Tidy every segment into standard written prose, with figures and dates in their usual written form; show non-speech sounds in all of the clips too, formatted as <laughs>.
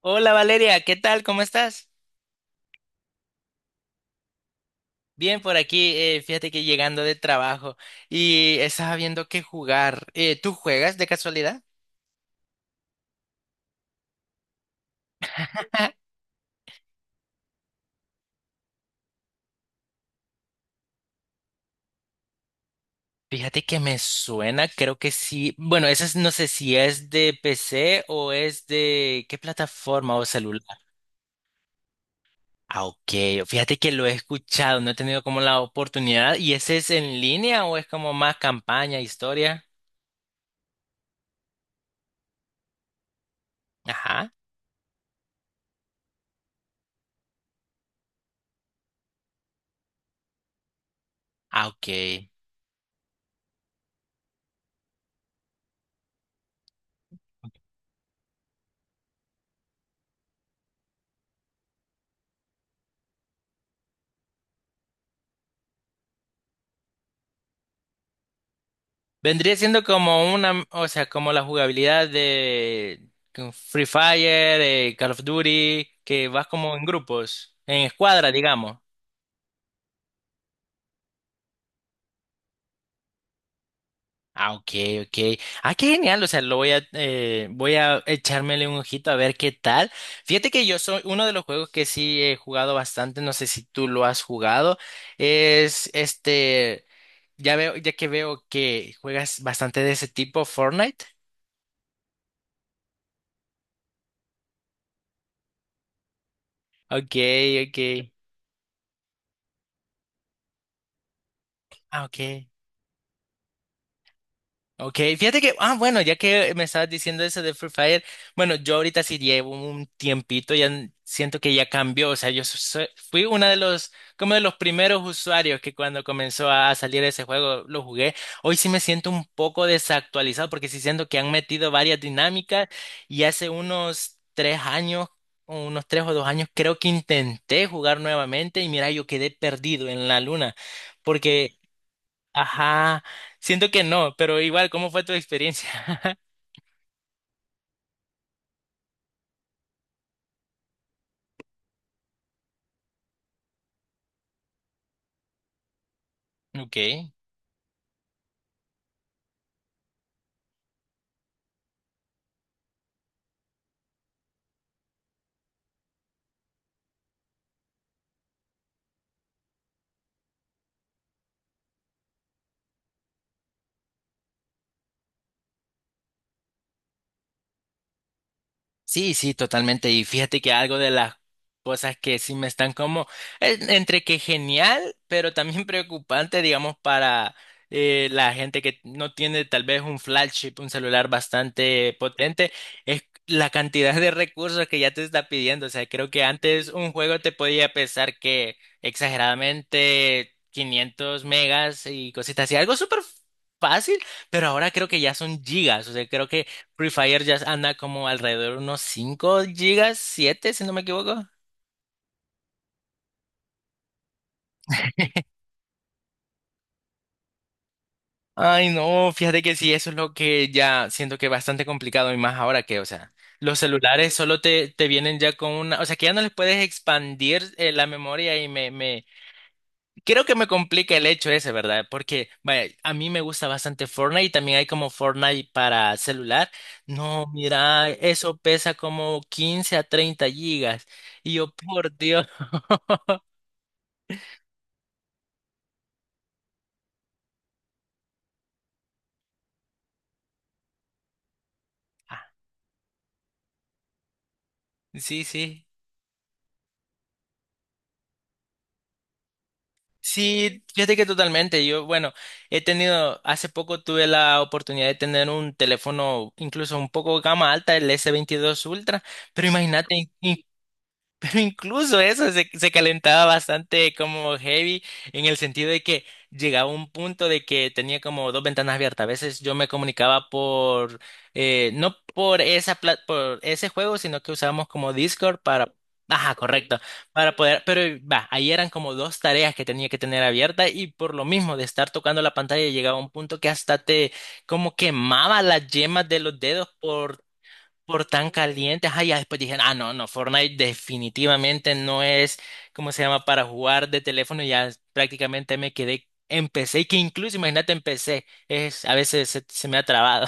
Hola Valeria, ¿qué tal? ¿Cómo estás? Bien, por aquí, fíjate que llegando de trabajo y estaba viendo qué jugar. ¿Tú juegas de casualidad? Fíjate que me suena, creo que sí. Bueno, no sé si es de PC o es de qué plataforma o celular. Ah, ok. Fíjate que lo he escuchado, no he tenido como la oportunidad. ¿Y ese es en línea o es como más campaña, historia? Ajá. Ah, ok. Vendría siendo como una, o sea, como la jugabilidad de con Free Fire, Call of Duty, que vas como en grupos, en escuadra, digamos. Ah, ok, ok. Ah, qué genial. O sea, voy a echármele un ojito a ver qué tal. Fíjate que yo soy uno de los juegos que sí he jugado bastante. No sé si tú lo has jugado. Es ya que veo que juegas bastante de ese tipo, Fortnite. Ok, ok. Ah, ok. Ok, fíjate que, ah, bueno, ya que me estabas diciendo eso de Free Fire, bueno, yo ahorita sí llevo un tiempito, siento que ya cambió, o sea, fui como de los primeros usuarios que cuando comenzó a salir ese juego lo jugué. Hoy sí me siento un poco desactualizado porque sí siento que han metido varias dinámicas y hace unos 3 años, o unos 3 o 2 años, creo que intenté jugar nuevamente y mira, yo quedé perdido en la luna porque. Ajá, siento que no, pero igual, ¿cómo fue tu experiencia? <laughs> Ok. Sí, sí, totalmente. Y fíjate que algo de las cosas que sí me están como entre que genial, pero también <laughs> preocupante, digamos, para la gente que no tiene tal vez un flagship, un celular bastante potente, es la cantidad de recursos que ya te está pidiendo. O sea, creo que antes un juego te podía pesar que exageradamente 500 megas y cositas así, algo súper fácil, pero ahora creo que ya son gigas. O sea, creo que Free Fire ya anda como alrededor de unos 5 gigas, 7 si no me equivoco. Ay, no, fíjate que sí, eso es lo que ya siento que es bastante complicado y más ahora que, o sea, los celulares solo te vienen ya o sea, que ya no les puedes expandir la memoria y creo que me complica el hecho ese, ¿verdad? Porque, vaya, a mí me gusta bastante Fortnite y también hay como Fortnite para celular. No, mira, eso pesa como 15 a 30 gigas. Y yo, por Dios. Ah, sí, sí. Sí, fíjate que totalmente. Yo, bueno, hace poco tuve la oportunidad de tener un teléfono incluso un poco gama alta, el S22 Ultra, pero imagínate, pero incluso eso se calentaba bastante como heavy en el sentido de que llegaba un punto de que tenía como dos ventanas abiertas. A veces yo me comunicaba no por por ese juego, sino que usábamos como Discord ajá, correcto, para poder, pero va, ahí eran como dos tareas que tenía que tener abiertas y por lo mismo de estar tocando la pantalla llegaba un punto que hasta te como quemaba las yemas de los dedos por tan calientes ya después dije, ah, no, no, Fortnite definitivamente no es, ¿cómo se llama?, para jugar de teléfono. Ya prácticamente empecé, y que incluso, imagínate, empecé, a veces se me ha trabado.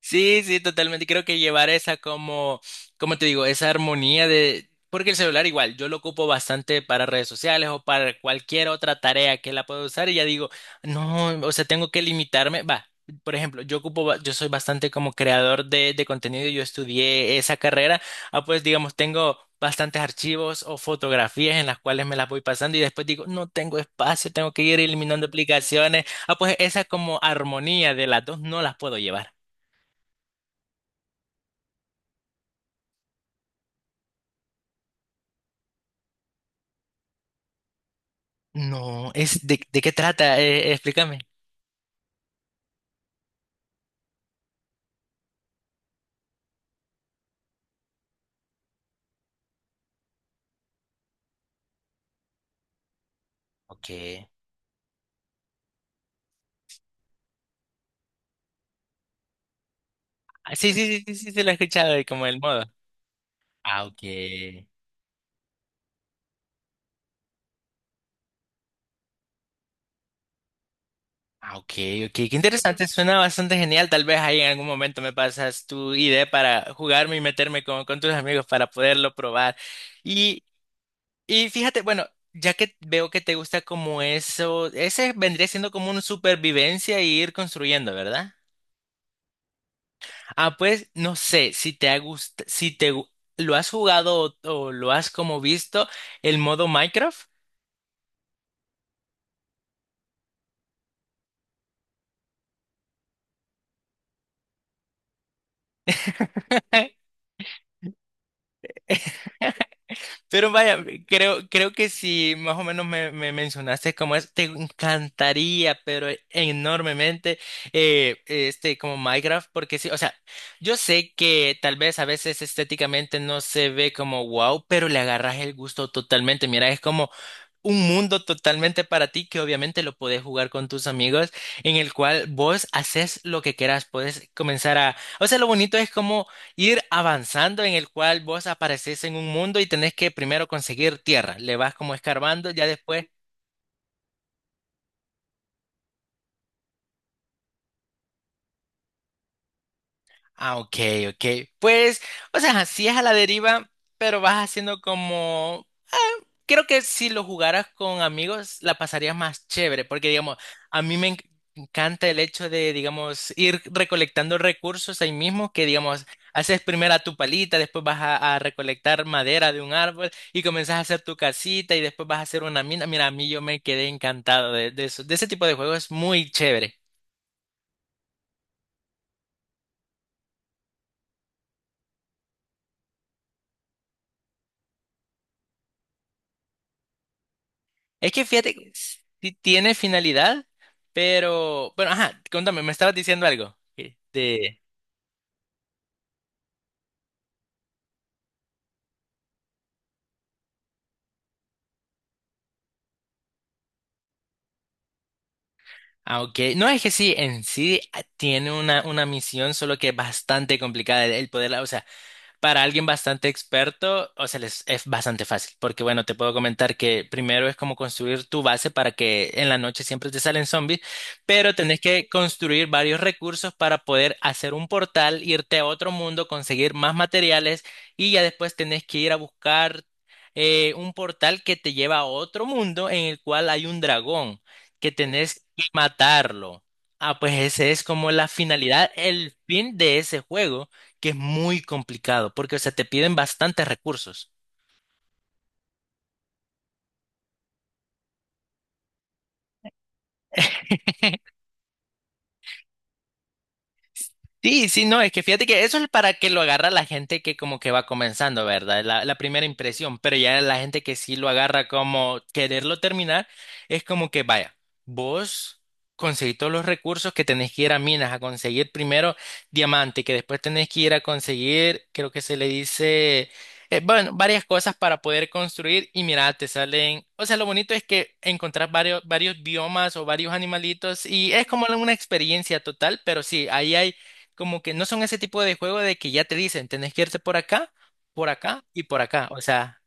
Sí, sí, totalmente. Creo que llevar esa como te digo, esa armonía porque el celular igual, yo lo ocupo bastante para redes sociales o para cualquier otra tarea que la pueda usar y ya digo, no, o sea, tengo que limitarme. Va, por ejemplo, yo soy bastante como creador de contenido, yo estudié esa carrera, ah, pues digamos, tengo bastantes archivos o fotografías en las cuales me las voy pasando y después digo, no tengo espacio, tengo que ir eliminando aplicaciones. Ah, pues esa como armonía de las dos no las puedo llevar. No, ¿de qué trata? Explícame. Ok. Ah, sí, sí, sí, sí, sí, se lo he escuchado, y como el modo. Ah, ok. Ah, ok, ok. Qué interesante, suena bastante genial. Tal vez ahí en algún momento me pasas tu idea para jugarme y meterme con tus amigos para poderlo probar. Y, y fíjate, bueno, ya que veo que te gusta como eso, ese vendría siendo como una supervivencia y ir construyendo, ¿verdad? Ah, pues no sé si te ha gust- si te gu- lo has jugado o lo has como visto el modo Minecraft. <laughs> Pero vaya, creo que si más o menos me mencionaste cómo es, te encantaría, pero enormemente, como Minecraft, porque sí, o sea, yo sé que tal vez a veces estéticamente no se ve como wow, pero le agarras el gusto totalmente. Mira, es como un mundo totalmente para ti que obviamente lo podés jugar con tus amigos, en el cual vos haces lo que quieras, puedes comenzar a. O sea, lo bonito es como ir avanzando en el cual vos apareces en un mundo y tenés que primero conseguir tierra, le vas como escarbando, ya después. Ah, ok, ok. Pues, o sea, así es a la deriva, pero vas haciendo como. Creo que si lo jugaras con amigos, la pasarías más chévere, porque digamos, a mí encanta el hecho de, digamos, ir recolectando recursos ahí mismo, que digamos, haces primero a tu palita, después vas a recolectar madera de un árbol y comenzás a hacer tu casita y después vas a hacer una mina. Mira, a mí yo me quedé encantado de eso, de ese tipo de juegos, es muy chévere. Es que fíjate, que sí tiene finalidad, pero, bueno, ajá, contame, me estabas diciendo algo. De. Ah, ok. No es que sí, en sí tiene una misión, solo que es bastante complicada el poderla, o sea, para alguien bastante experto, o sea, les es bastante fácil, porque bueno, te puedo comentar que primero es como construir tu base para que en la noche siempre te salen zombies, pero tenés que construir varios recursos para poder hacer un portal, irte a otro mundo, conseguir más materiales y ya después tenés que ir a buscar un portal que te lleva a otro mundo en el cual hay un dragón que tenés que matarlo. Ah, pues ese es como la finalidad, el fin de ese juego que es muy complicado porque, o sea, te piden bastantes recursos. Sí, sí, no, es que fíjate que eso es para que lo agarra la gente que como que va comenzando, ¿verdad? La primera impresión, pero ya la gente que sí lo agarra como quererlo terminar, es como que vaya, vos conseguís todos los recursos que tenés que ir a minas, a conseguir primero diamante, que después tenés que ir a conseguir, creo que se le dice, bueno, varias cosas para poder construir y mira, te salen, o sea, lo bonito es que encontrás varios biomas o varios animalitos y es como una experiencia total, pero sí, ahí hay como que no son ese tipo de juego de que ya te dicen, tenés que irte por acá y por acá. O sea,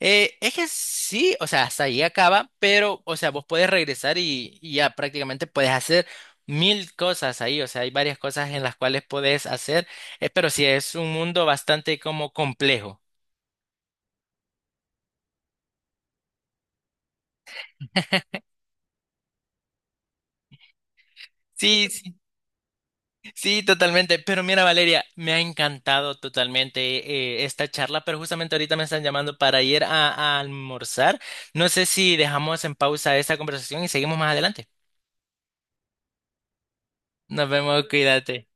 es que sí, o sea, hasta ahí acaba, pero, o sea, vos puedes regresar y ya prácticamente puedes hacer mil cosas ahí. O sea, hay varias cosas en las cuales puedes hacer, pero sí es un mundo bastante como complejo. Sí, sí, sí, totalmente. Pero mira, Valeria, me ha encantado totalmente esta charla, pero justamente ahorita me están llamando para ir a almorzar. No sé si dejamos en pausa esta conversación y seguimos más adelante. Nos vemos, cuídate.